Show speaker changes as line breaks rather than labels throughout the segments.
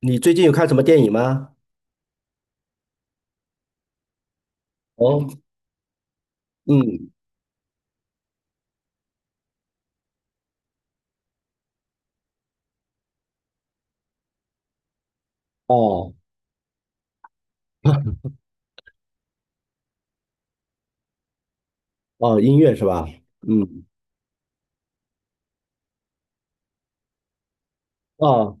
你最近有看什么电影吗？哦，嗯，哦，哦，音乐是吧？嗯，哦，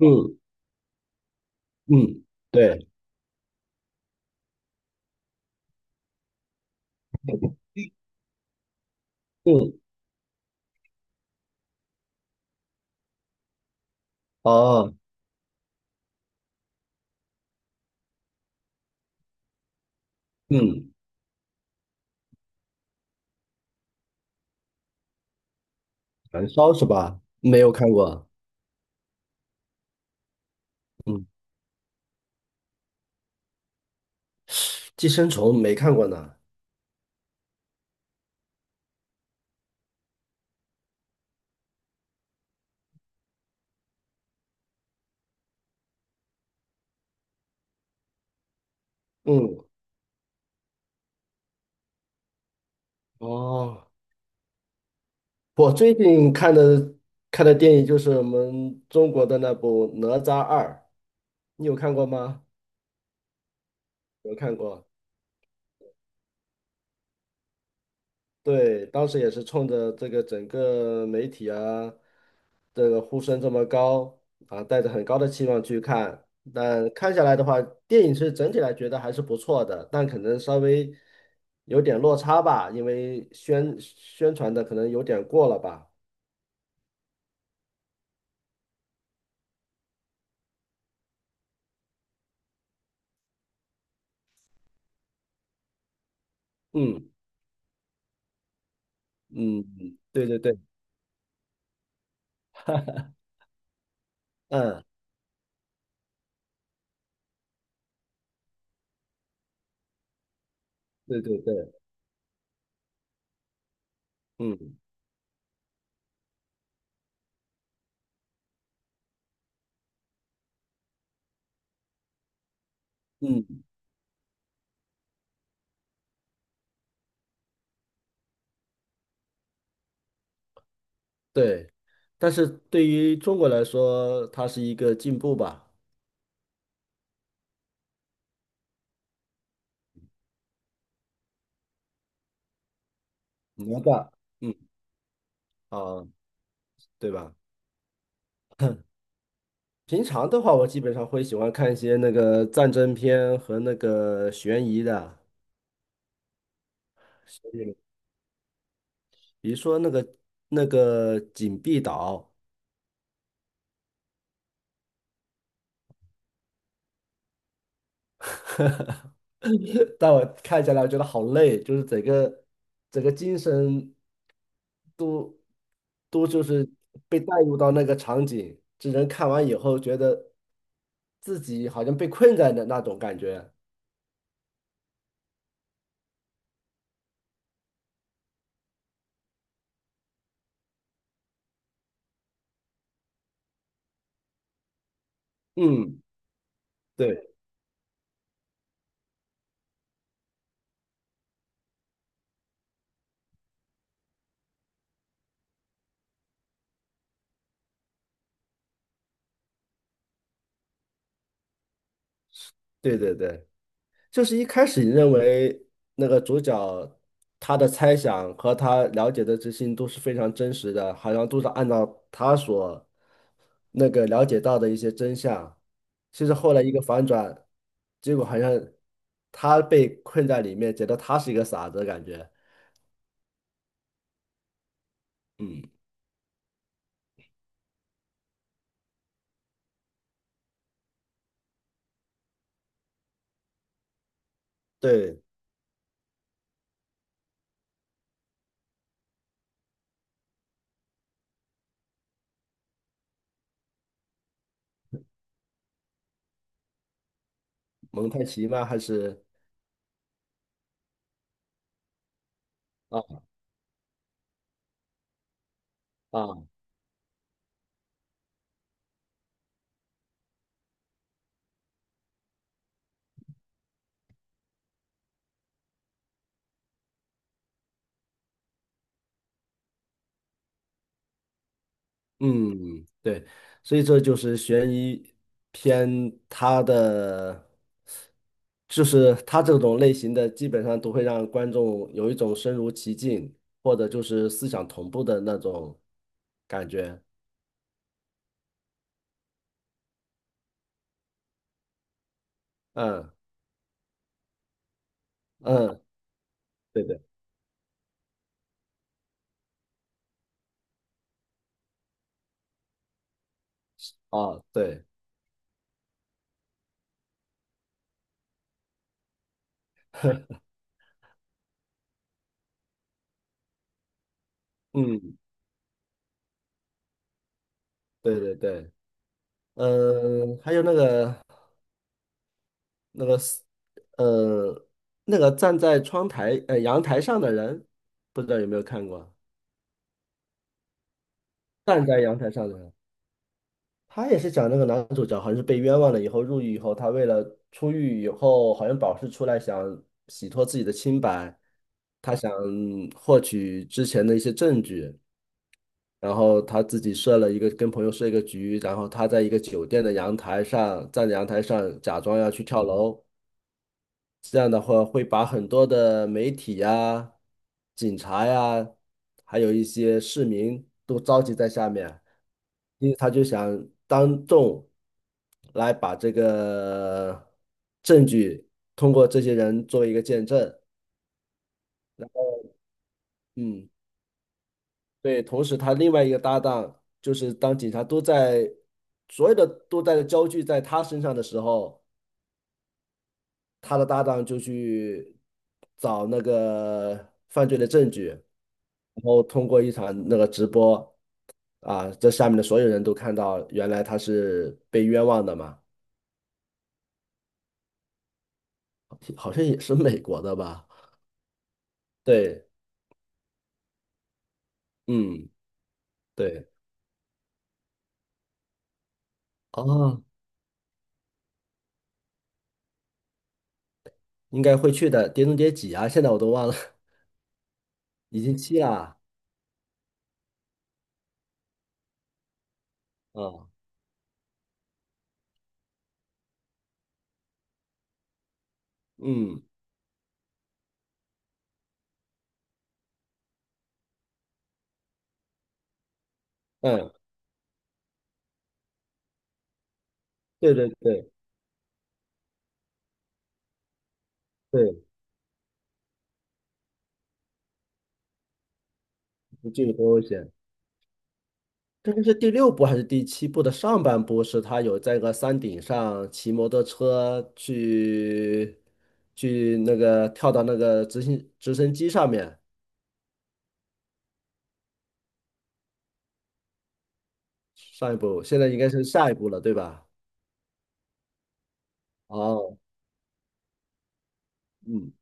嗯嗯，对，嗯，哦，嗯，燃烧是吧？没有看过，嗯，寄生虫没看过呢。嗯，哦，我最近看的电影就是我们中国的那部《哪吒二》，你有看过吗？有看过。对，当时也是冲着这个整个媒体啊，这个呼声这么高啊，带着很高的期望去看。但看下来的话，电影是整体来觉得还是不错的，但可能稍微有点落差吧，因为宣传的可能有点过了吧。嗯嗯，嗯对对对，嗯，对对对，嗯嗯，对。但是对于中国来说，它是一个进步吧。哪吒嗯啊，对吧？平常的话，我基本上会喜欢看一些那个战争片和那个悬疑的，比如说那个《紧闭岛》，但我看下来我觉得好累，就是整个精神都就是被带入到那个场景，这人看完以后觉得自己好像被困在那种感觉。嗯，对对对对。就是一开始你认为那个主角他的猜想和他了解的这些都是非常真实的，好像都是按照他所那个了解到的一些真相。其实后来一个反转，结果好像他被困在里面，觉得他是一个傻子，的感觉。嗯，对，蒙太奇吗？还是啊啊？嗯，对，所以这就是悬疑片，它的就是它这种类型的，基本上都会让观众有一种身如其境，或者就是思想同步的那种感觉。嗯嗯，对对，啊对，嗯对对对，嗯，还有那个那个是呃那个站在窗台呃阳台上的人，不知道有没有看过？站在阳台上的人。他也是讲那个男主角好像是被冤枉了以后入狱以后，他为了出狱以后好像保释出来，想洗脱自己的清白，他想获取之前的一些证据，然后他自己设了一个跟朋友设一个局，然后他在一个酒店的阳台上站在阳台上假装要去跳楼，这样的话会把很多的媒体呀、警察呀，还有一些市民都召集在下面。因为他就想当众来把这个证据通过这些人做一个见证。嗯，对。同时，他另外一个搭档就是当警察都在所有的都在焦聚在他身上的时候，他的搭档就去找那个犯罪的证据，然后通过一场那个直播啊，这下面的所有人都看到，原来他是被冤枉的嘛，好像也是美国的吧。对，嗯，对，哦，应该会去的。碟中谍几啊？现在我都忘了，已经七了啊。啊嗯嗯，对对对对，不记得多危险。这个是第六部还是第七部的上半部？是他有在个山顶上骑摩托车去那个跳到那个直升机上面。上一部，现在应该是下一部了，对吧？哦，嗯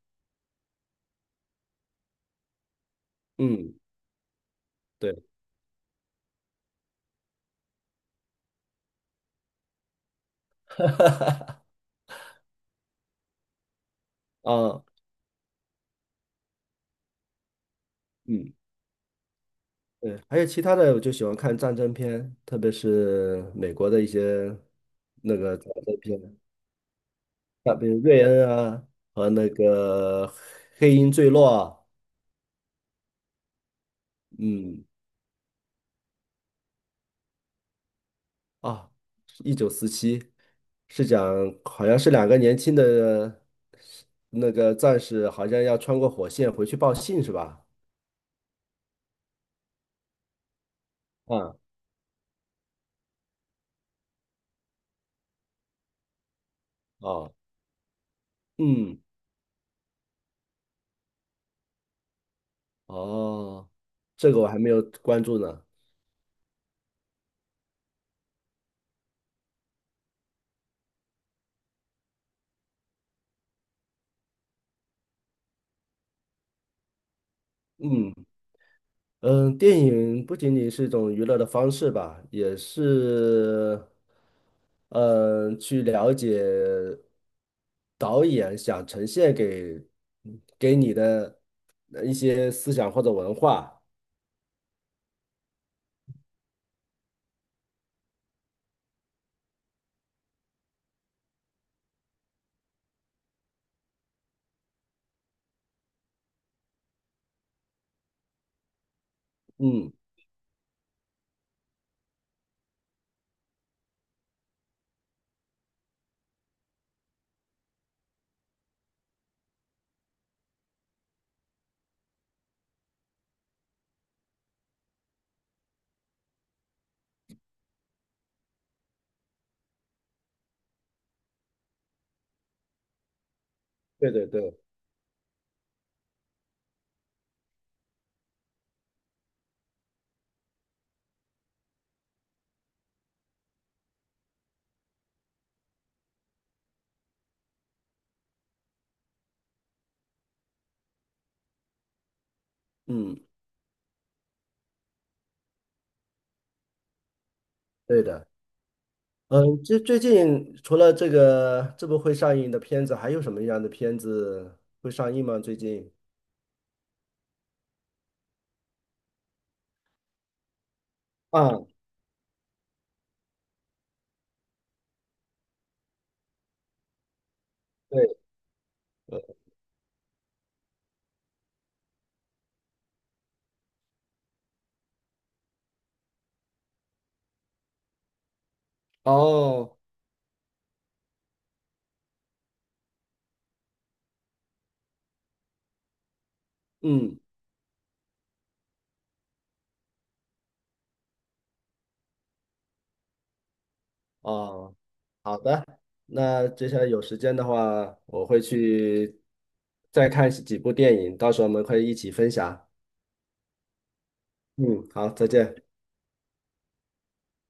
嗯，对，啊，嗯。对，还有其他的，我就喜欢看战争片，特别是美国的一些那个战争片，啊，比如瑞恩啊和那个黑鹰坠落啊嗯啊，1947是讲好像是两个年轻的那个战士，好像要穿过火线回去报信是吧？啊，哦，嗯，哦，这个我还没有关注呢，嗯。嗯，电影不仅仅是一种娱乐的方式吧，也是，嗯，去了解导演想呈现给你的一些思想或者文化。嗯，对对对，嗯，对的。嗯，这最近除了这个这部会上映的片子，还有什么样的片子会上映吗？最近？啊，对，哦，嗯。哦，好的，那接下来有时间的话，我会去再看几部电影，到时候我们可以一起分享。嗯，好，再见。